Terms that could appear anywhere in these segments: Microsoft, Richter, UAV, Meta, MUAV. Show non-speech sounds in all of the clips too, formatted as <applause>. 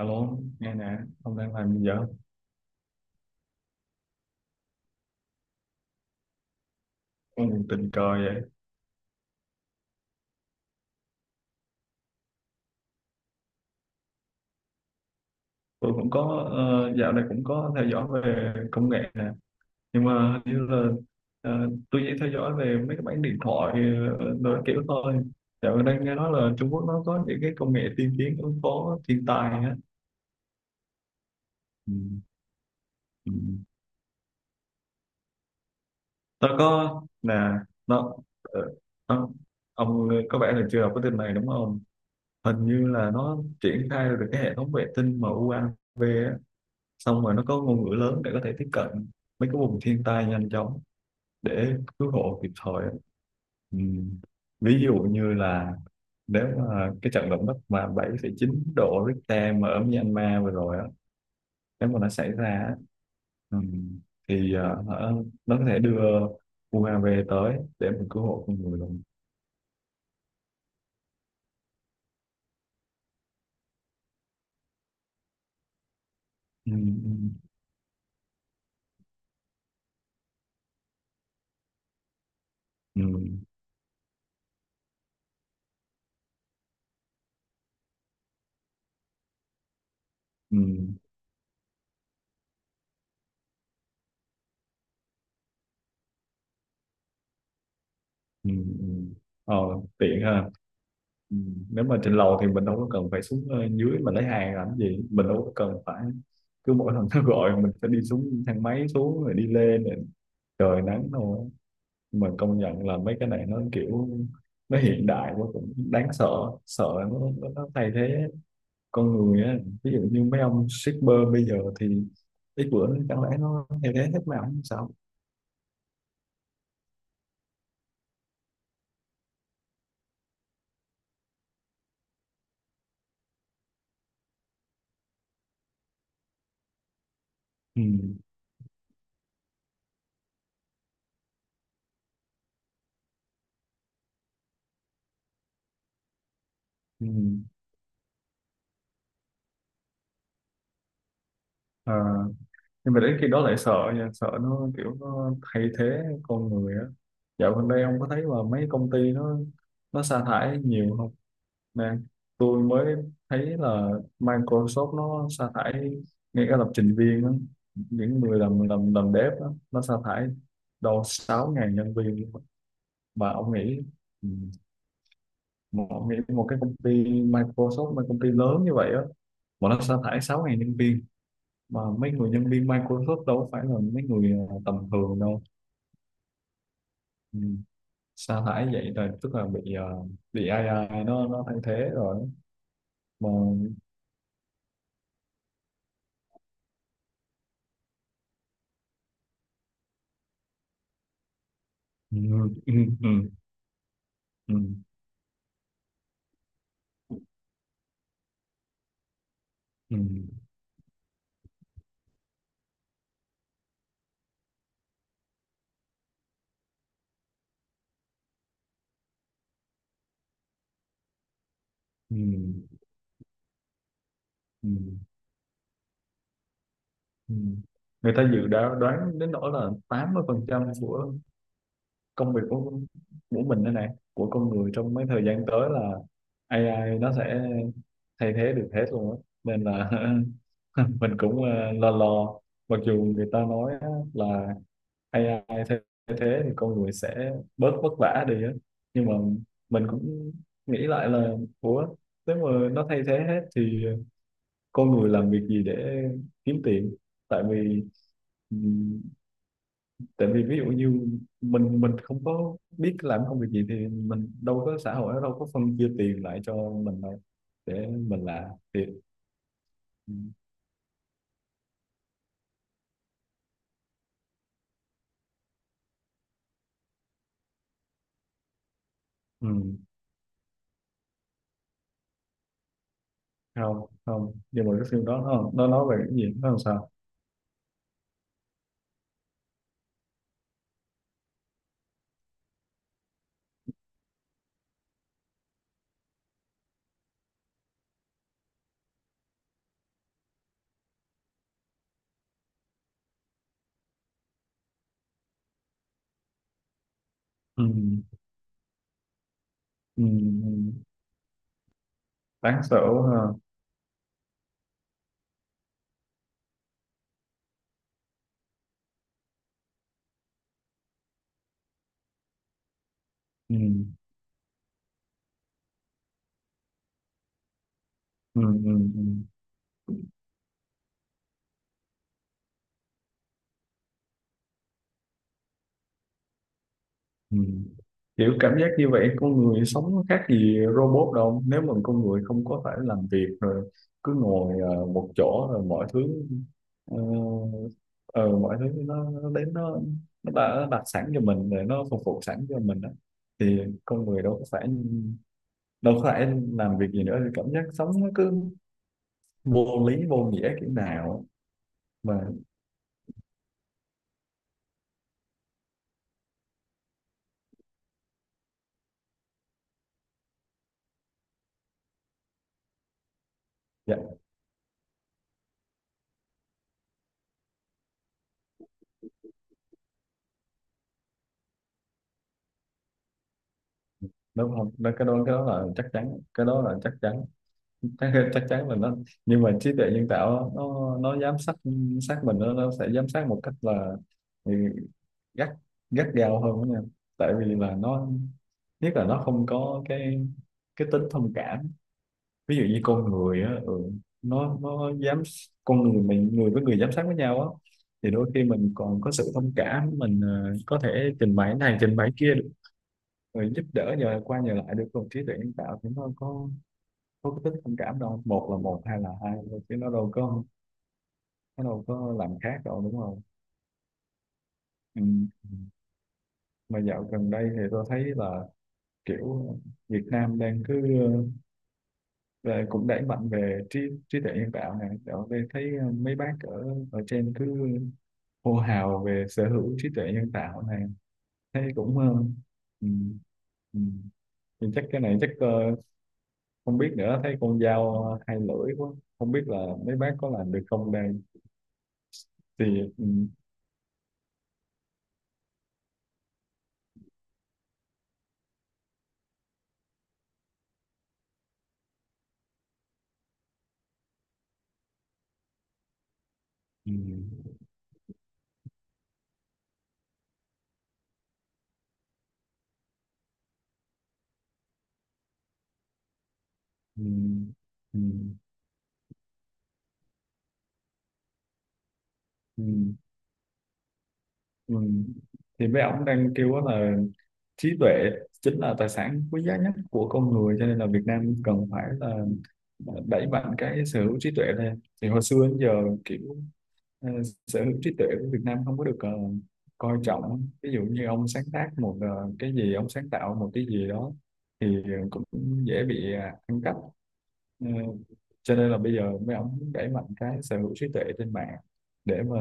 Alo, nghe nè, ông đang làm gì vậy? Ông tình cờ vậy. Tôi cũng có, dạo này cũng có theo dõi về công nghệ nè. Nhưng mà hình như là tôi chỉ theo dõi về mấy cái bản điện thoại đồ kiểu thôi. Dạo này đang nghe nói là Trung Quốc nó có những cái công nghệ tiên tiến ứng phó thiên tai á. Ừ. Ừ. Tôi có, nè, nó, ờ, ông có vẻ là chưa đọc cái tin này đúng không? Hình như là nó triển khai được cái hệ thống vệ tinh mà MUAV xong rồi nó có ngôn ngữ lớn để có thể tiếp cận mấy cái vùng thiên tai nhanh chóng để cứu hộ kịp thời á. Ừ. Ví dụ như là nếu mà cái trận động đất mà 7,9 độ Richter mà ở Myanmar vừa rồi á, nếu mà nó xảy ra á, ừ, thì nó có thể đưa UAV tới để mình cứu hộ con người luôn. Ừ, ừ, ừ, ừ, ừ. Ừ. Ờ, tiện ha. Ừ, nếu mà trên lầu thì mình đâu có cần phải xuống dưới mà lấy hàng làm gì, mình đâu có cần phải cứ mỗi lần nó gọi mình phải đi xuống thang máy xuống rồi đi lên rồi trời nắng thôi. Nhưng mà công nhận là mấy cái này nó kiểu nó hiện đại quá cũng đáng sợ, sợ nó thay thế con người á, ví dụ như mấy ông shipper bây giờ thì ít bữa nữa chẳng lẽ nó thay thế hết mà không sao. Ừ. Ừ. À, nhưng mà đến khi đó lại sợ nha, sợ nó kiểu nó thay thế con người á. Dạo gần đây ông có thấy là mấy công ty nó sa thải nhiều không nè? Tôi mới thấy là Microsoft nó sa thải ngay cả lập trình viên á, những người làm dev á, nó sa thải đâu sáu 000 nhân viên luôn á. Mà ông nghĩ, ừ, mà ông nghĩ một cái công ty Microsoft, một công ty lớn như vậy á, mà nó sa thải sáu 000 nhân viên, mà mấy người nhân viên Microsoft đâu có phải là mấy người tầm thường đâu. Ừ. Sa thải vậy là tức là bị bị AI nó thay thế rồi, mà ừ, ừ, ừ, ừ, ừ, ừ, ừ, ừ. Ừ, ừ. Người ta dự đoán đoán đến nỗi là 80% của công việc của mình đây này, của con người trong mấy thời gian tới là AI nó sẽ thay thế được hết luôn á, nên là <laughs> mình cũng lo lo. Mặc dù người ta nói á, là AI thay thay thế thì con người sẽ bớt vất vả đi á, nhưng mà mình cũng nghĩ lại là ủa, nếu mà nó thay thế hết thì con người làm việc gì để kiếm tiền? Tại vì ví dụ như mình không có biết làm công việc gì thì mình đâu có, xã hội nó đâu có phân chia tiền lại cho mình đâu để mình làm. Thì ừ, không, không, nhưng mà cái phim đó nó nói về cái gì, nó làm sao? Ừ, ừ, ừ, đáng sợ ha. Ừ, ừ, ừ, ừ. Ừ. Kiểu cảm giác như vậy con người sống nó khác gì robot đâu, nếu mà con người không có phải làm việc rồi cứ ngồi một chỗ rồi mọi thứ, ờ, ờ, mọi thứ nó đến, nó nó đặt sẵn cho mình rồi, nó phục vụ sẵn cho mình đó, thì con người đâu có phải làm việc gì nữa, thì cảm giác sống nó cứ vô lý vô nghĩa kiểu nào. Mà dạ đúng không đó, cái đó là chắc chắn, cái đó là chắc chắn, chắc chắc chắn là nó, nhưng mà trí tuệ nhân tạo nó giám sát sát mình, nó sẽ giám sát một cách là ừ, gắt, gắt gao hơn đó nha. Tại vì là nó, nhất là nó không có cái tính thông cảm, ví dụ như con người á, ừ, nó dám con người mình, người với người giám sát với nhau á, thì đôi khi mình còn có sự thông cảm, mình có thể trình bày này trình bày kia được, rồi giúp đỡ nhờ qua nhờ lại được, còn trí tuệ nhân tạo thì nó có cái tính thông cảm đâu, một là một hai là hai thôi, chứ nó đâu có, làm khác đâu, đúng không? Ừ. Mà dạo gần đây thì tôi thấy là kiểu Việt Nam đang cứ ờ, cũng đẩy mạnh về trí, trí tuệ nhân tạo này, dạo đây thấy mấy bác ở ở trên cứ hô hào về sở hữu trí tuệ nhân tạo này, thấy cũng ờ, ừ. Ừ. Thì chắc cái này chắc ờ, không biết nữa, thấy con dao hai lưỡi quá, không biết là mấy bác có làm được không đây. Thì ừ. Ừ. Ừ, ừ, ừ, ừ. Thì mấy ông đang kêu á là trí tuệ chính là tài sản quý giá nhất của con người, cho nên là Việt Nam cần phải là đẩy mạnh cái sở hữu trí tuệ lên. Thì hồi xưa đến giờ kiểu ờ, sở hữu trí tuệ của Việt Nam không có được coi trọng, ví dụ như ông sáng tác một cái gì, ông sáng tạo một cái gì đó thì cũng dễ bị ăn cắp. Ờ, cho nên là bây giờ mấy ông muốn đẩy mạnh cái sở hữu trí tuệ trên mạng, để mà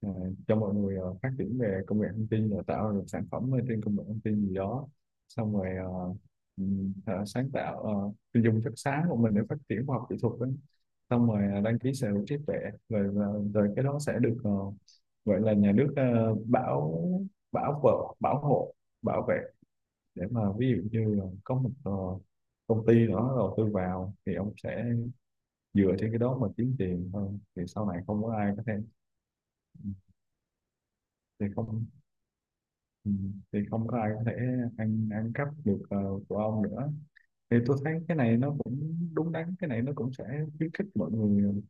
ờ, cho mọi người phát triển về công nghệ thông tin rồi tạo ra sản phẩm ở trên công nghệ thông tin gì đó, xong rồi sáng tạo ờ, thì dùng chất sáng của mình để phát triển khoa học kỹ thuật ấy. Xong rồi đăng ký sở hữu trí tuệ, rồi rồi cái đó sẽ được gọi là nhà nước bảo, bảo vợ, bảo hộ, bảo vệ, để mà ví dụ như là có một công ty đó đầu tư vào thì ông sẽ dựa trên cái đó mà kiếm tiền hơn, thì sau này không có ai có thể, thì không, ừ, thì không có ai có thể ăn ăn cắp được của ông nữa. Thì tôi thấy cái này nó cũng đúng đắn, cái này nó cũng sẽ khuyến khích mọi người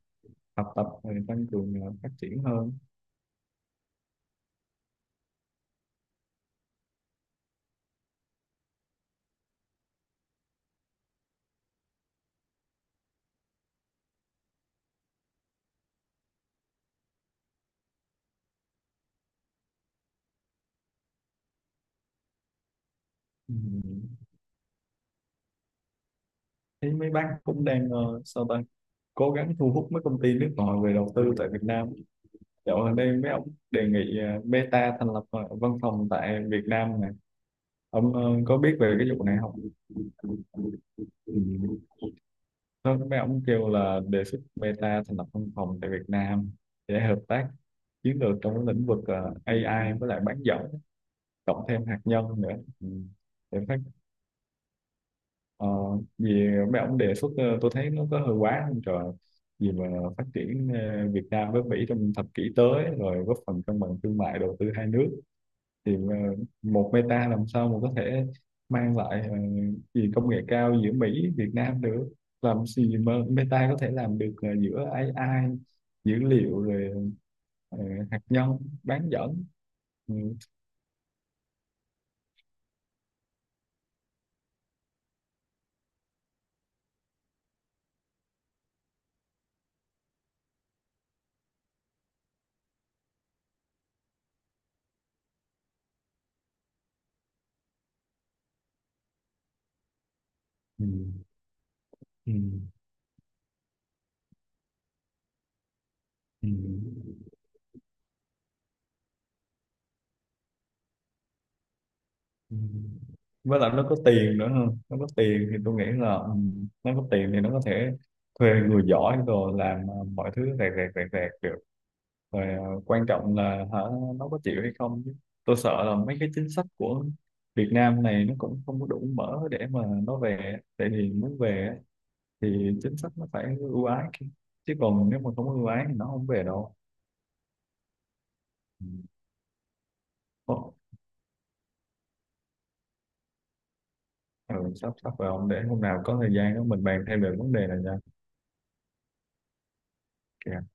học tập rồi tăng cường phát triển hơn. Ừ. Thấy mấy bác cũng đang ờ, sao ta, cố gắng thu hút mấy công ty nước ngoài về đầu tư tại Việt Nam. Dạo gần đây mấy ông đề nghị Meta thành lập văn phòng tại Việt Nam này. Ông có biết về cái vụ này không? Ừ. Nó mấy ông kêu là đề xuất Meta thành lập văn phòng tại Việt Nam để hợp tác chiến lược trong cái lĩnh vực AI với lại bán dẫn, cộng thêm hạt nhân nữa. Ừ. Để phát ờ, vì mấy ông đề xuất tôi thấy nó có hơi quá không trời, vì mà phát triển Việt Nam với Mỹ trong thập kỷ tới rồi góp phần cân bằng thương mại đầu tư hai nước, thì ờ, một Meta làm sao mà có thể mang lại gì công nghệ cao giữa Mỹ Việt Nam được, làm gì mà Meta có thể làm được giữa AI, dữ liệu, rồi ờ, hạt nhân, bán dẫn. Ừ. Ừ. Ừ. Ừ. Ừ. Với lại nó có tiền nữa hơn, nó có tiền thì tôi nghĩ là ừ, nó có tiền thì nó có thể thuê người giỏi rồi làm mọi thứ rẹt rẹt rẹt rẹt được, rồi quan trọng là hả nó có chịu hay không chứ. Tôi sợ là mấy cái chính sách của Việt Nam này nó cũng không có đủ mở để mà nó về, tại vì muốn về á, thì chính sách nó phải ưu ái chứ. Chứ còn nếu mà không ưu ái thì nó không về đâu. Ừ. Ồ, ừ, sắp sắp vào, để hôm nào có thời gian đó mình bàn thêm về vấn đề này nha. Ok.